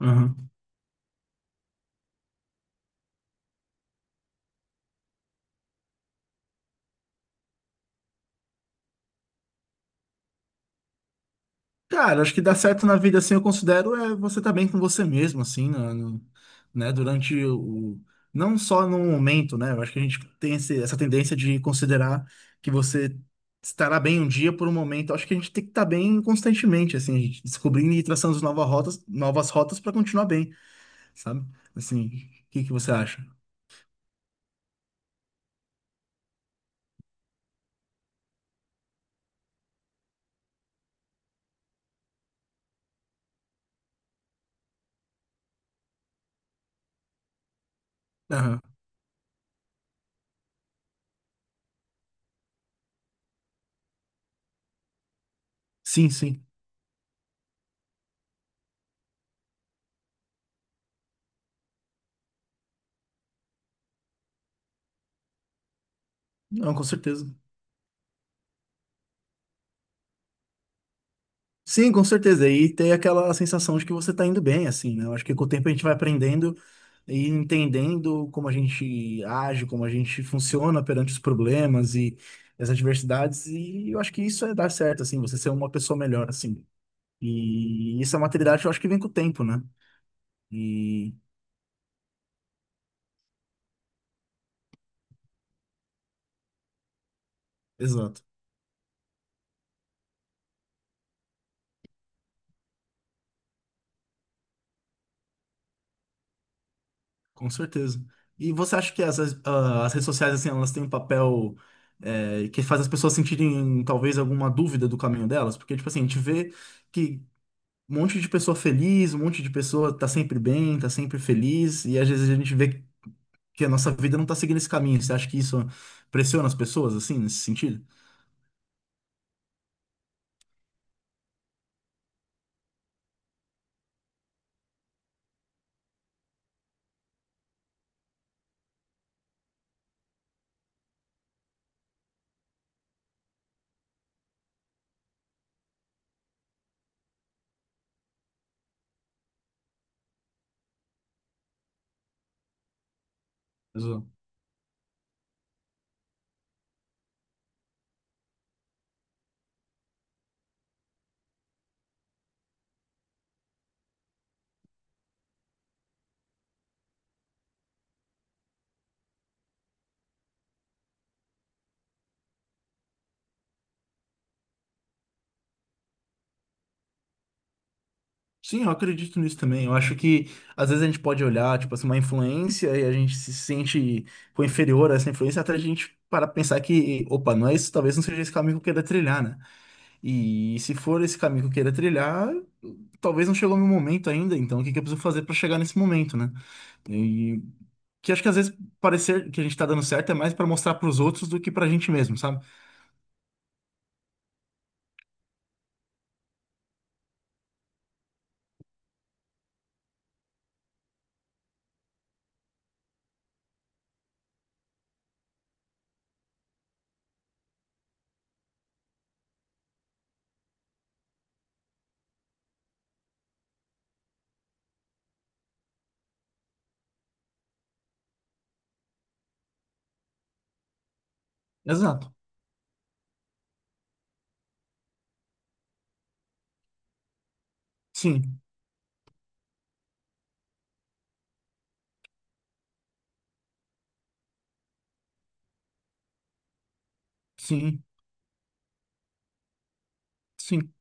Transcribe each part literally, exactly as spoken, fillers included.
Aham. Cara, acho que dar certo na vida, assim, eu considero é você estar bem com você mesmo, assim, na- no- né, durante o... Não só no momento, né? Eu acho que a gente tem esse- essa tendência de considerar que você estará bem um dia por um momento. Eu acho que a gente tem que estar bem constantemente, assim, a gente descobrindo e traçando as novas rotas, novas rotas para continuar bem, sabe? Assim, o que que você acha? Aham. Sim, sim. Não, com certeza. Sim, com certeza. E tem aquela sensação de que você está indo bem, assim, né? Eu acho que com o tempo a gente vai aprendendo e entendendo como a gente age, como a gente funciona perante os problemas e as adversidades, e eu acho que isso é dar certo, assim, você ser uma pessoa melhor, assim. E isso é uma maturidade, eu acho que vem com o tempo, né? E exato, com certeza. E você acha que as, as, ah, as redes sociais, assim, elas têm um papel eh, que faz as pessoas sentirem talvez alguma dúvida do caminho delas? Porque, tipo assim, a gente vê que um monte de pessoa feliz, um monte de pessoa tá sempre bem, tá sempre feliz, e às vezes a gente vê que a nossa vida não tá seguindo esse caminho. Você acha que isso pressiona as pessoas, assim, nesse sentido? Exato. Sim, eu acredito nisso também. Eu acho que às vezes a gente pode olhar, tipo assim, uma influência e a gente se sente com inferior a essa influência até a gente parar pensar que, opa, não é isso, talvez não seja esse caminho que eu queira trilhar, né? E se for esse caminho que eu queira trilhar, talvez não chegou o meu momento ainda, então o que que eu preciso fazer para chegar nesse momento, né? E que acho que às vezes parecer que a gente tá dando certo é mais para mostrar para os outros do que pra gente mesmo, sabe? Exato. Sim. Sim, sim,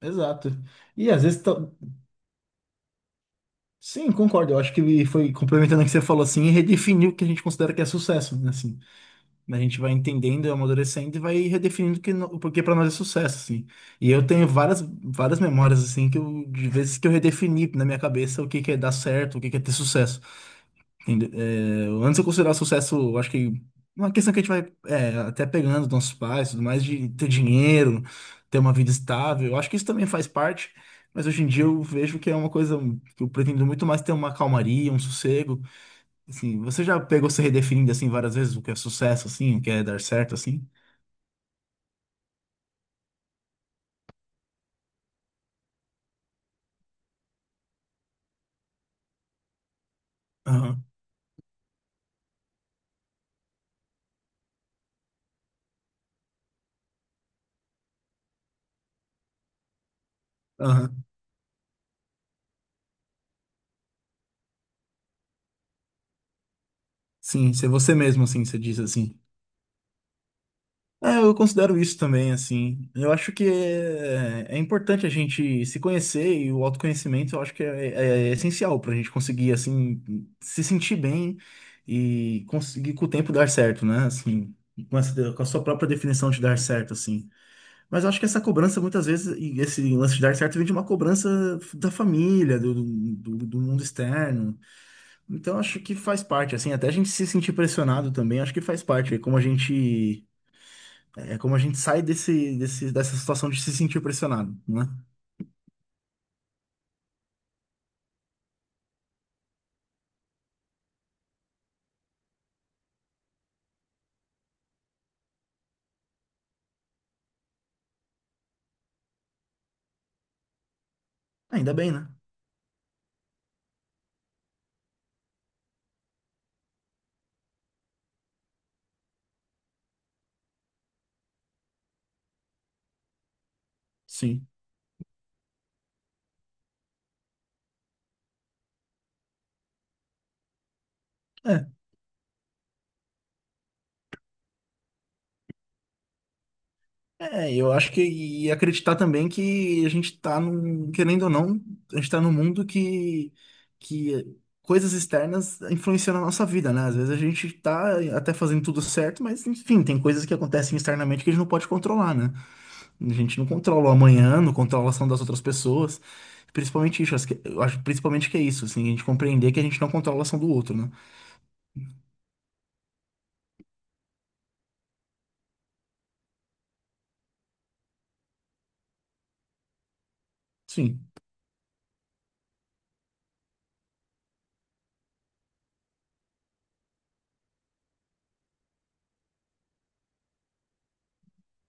exato. E às vezes, tá- sim, concordo. Eu acho que foi complementando o que você falou assim, redefiniu o que a gente considera que é sucesso, né? Assim, né, a gente vai entendendo, é amadurecendo e vai redefinindo o que no- o porquê para nós é sucesso, assim. E eu tenho várias, várias memórias assim que eu, de vezes que eu redefini na minha cabeça o que que é dar certo, o que que é ter sucesso. Inde- é, antes eu considerar sucesso, eu acho que uma questão que a gente vai é, até pegando dos nossos pais, tudo mais, de ter dinheiro, ter uma vida estável, eu acho que isso também faz parte, mas hoje em dia eu vejo que é uma coisa que eu pretendo muito mais ter uma calmaria, um sossego. Assim, você já pegou se redefinindo assim várias vezes o que é sucesso, assim, o que é dar certo, assim? Aham, aham. Sim, ser você mesmo, assim, você diz assim. É, eu considero isso também, assim. Eu acho que é, é importante a gente se conhecer e o autoconhecimento eu acho que é, é- é essencial para a gente conseguir, assim, se sentir bem e conseguir com o tempo dar certo, né? Assim, com essa, com a sua própria definição de dar certo, assim. Mas eu acho que essa cobrança, muitas vezes, e esse lance de dar certo vem de uma cobrança da família, do, do, do mundo externo. Então, acho que faz parte, assim, até a gente se sentir pressionado também, acho que faz parte. Como a gente. É é como a gente sai desse, desse, dessa situação de se sentir pressionado, né? Ainda bem, né? Sim. É. É, eu acho que e acreditar também que a gente tá num, querendo ou não, a gente tá num mundo que, que coisas externas influenciam na nossa vida, né? Às vezes a gente tá até fazendo tudo certo, mas enfim, tem coisas que acontecem externamente que a gente não pode controlar, né? A gente não controla o amanhã, não controla a ação das outras pessoas. Principalmente isso, acho que, eu acho principalmente que é isso, assim, a gente compreender que a gente não controla a ação do outro, né? Sim.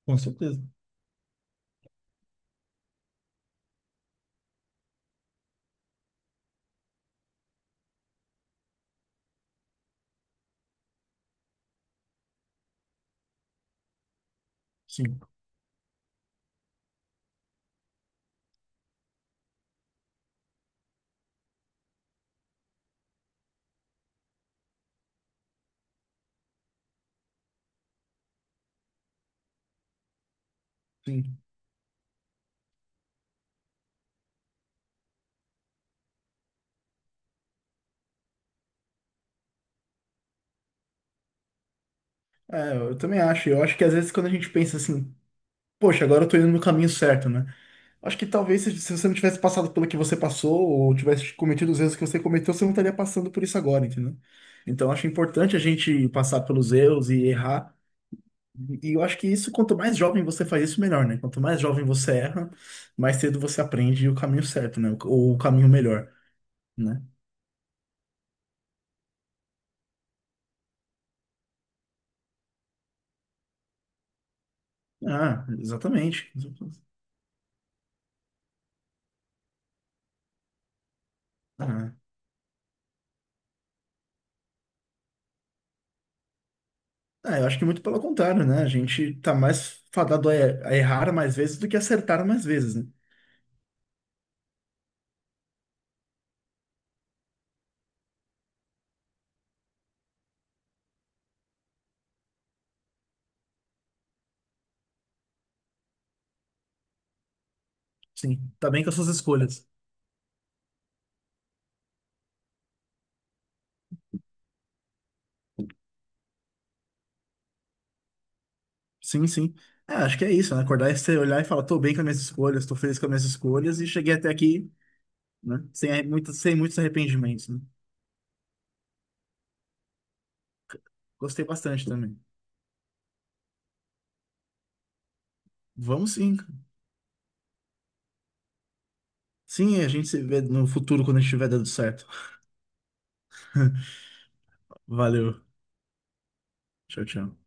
Com certeza. Sim, sim. É, eu também acho. Eu acho que às vezes quando a gente pensa assim, poxa, agora eu tô indo no caminho certo, né? Acho que talvez se se você não tivesse passado pelo que você passou, ou tivesse cometido os erros que você cometeu, você não estaria passando por isso agora, entendeu? Então acho importante a gente passar pelos erros e errar. E eu acho que isso, quanto mais jovem você faz isso, melhor, né? Quanto mais jovem você erra, mais cedo você aprende o caminho certo, né? Ou o caminho melhor, né? Ah, exatamente. Ah, Ah, eu acho que muito pelo contrário, né? A gente tá mais fadado a er- a errar mais vezes do que acertar mais vezes, né? Sim, tá bem com as suas escolhas. Sim, sim. É, acho que é isso, né? Acordar e você olhar e falar, tô bem com as minhas escolhas, tô feliz com as minhas escolhas e cheguei até aqui, né? Sem, arre- muito, sem muitos arrependimentos, né? Gostei bastante também. Vamos sim. Sim, a gente se vê no futuro quando a gente estiver dando certo. Valeu. Tchau, tchau.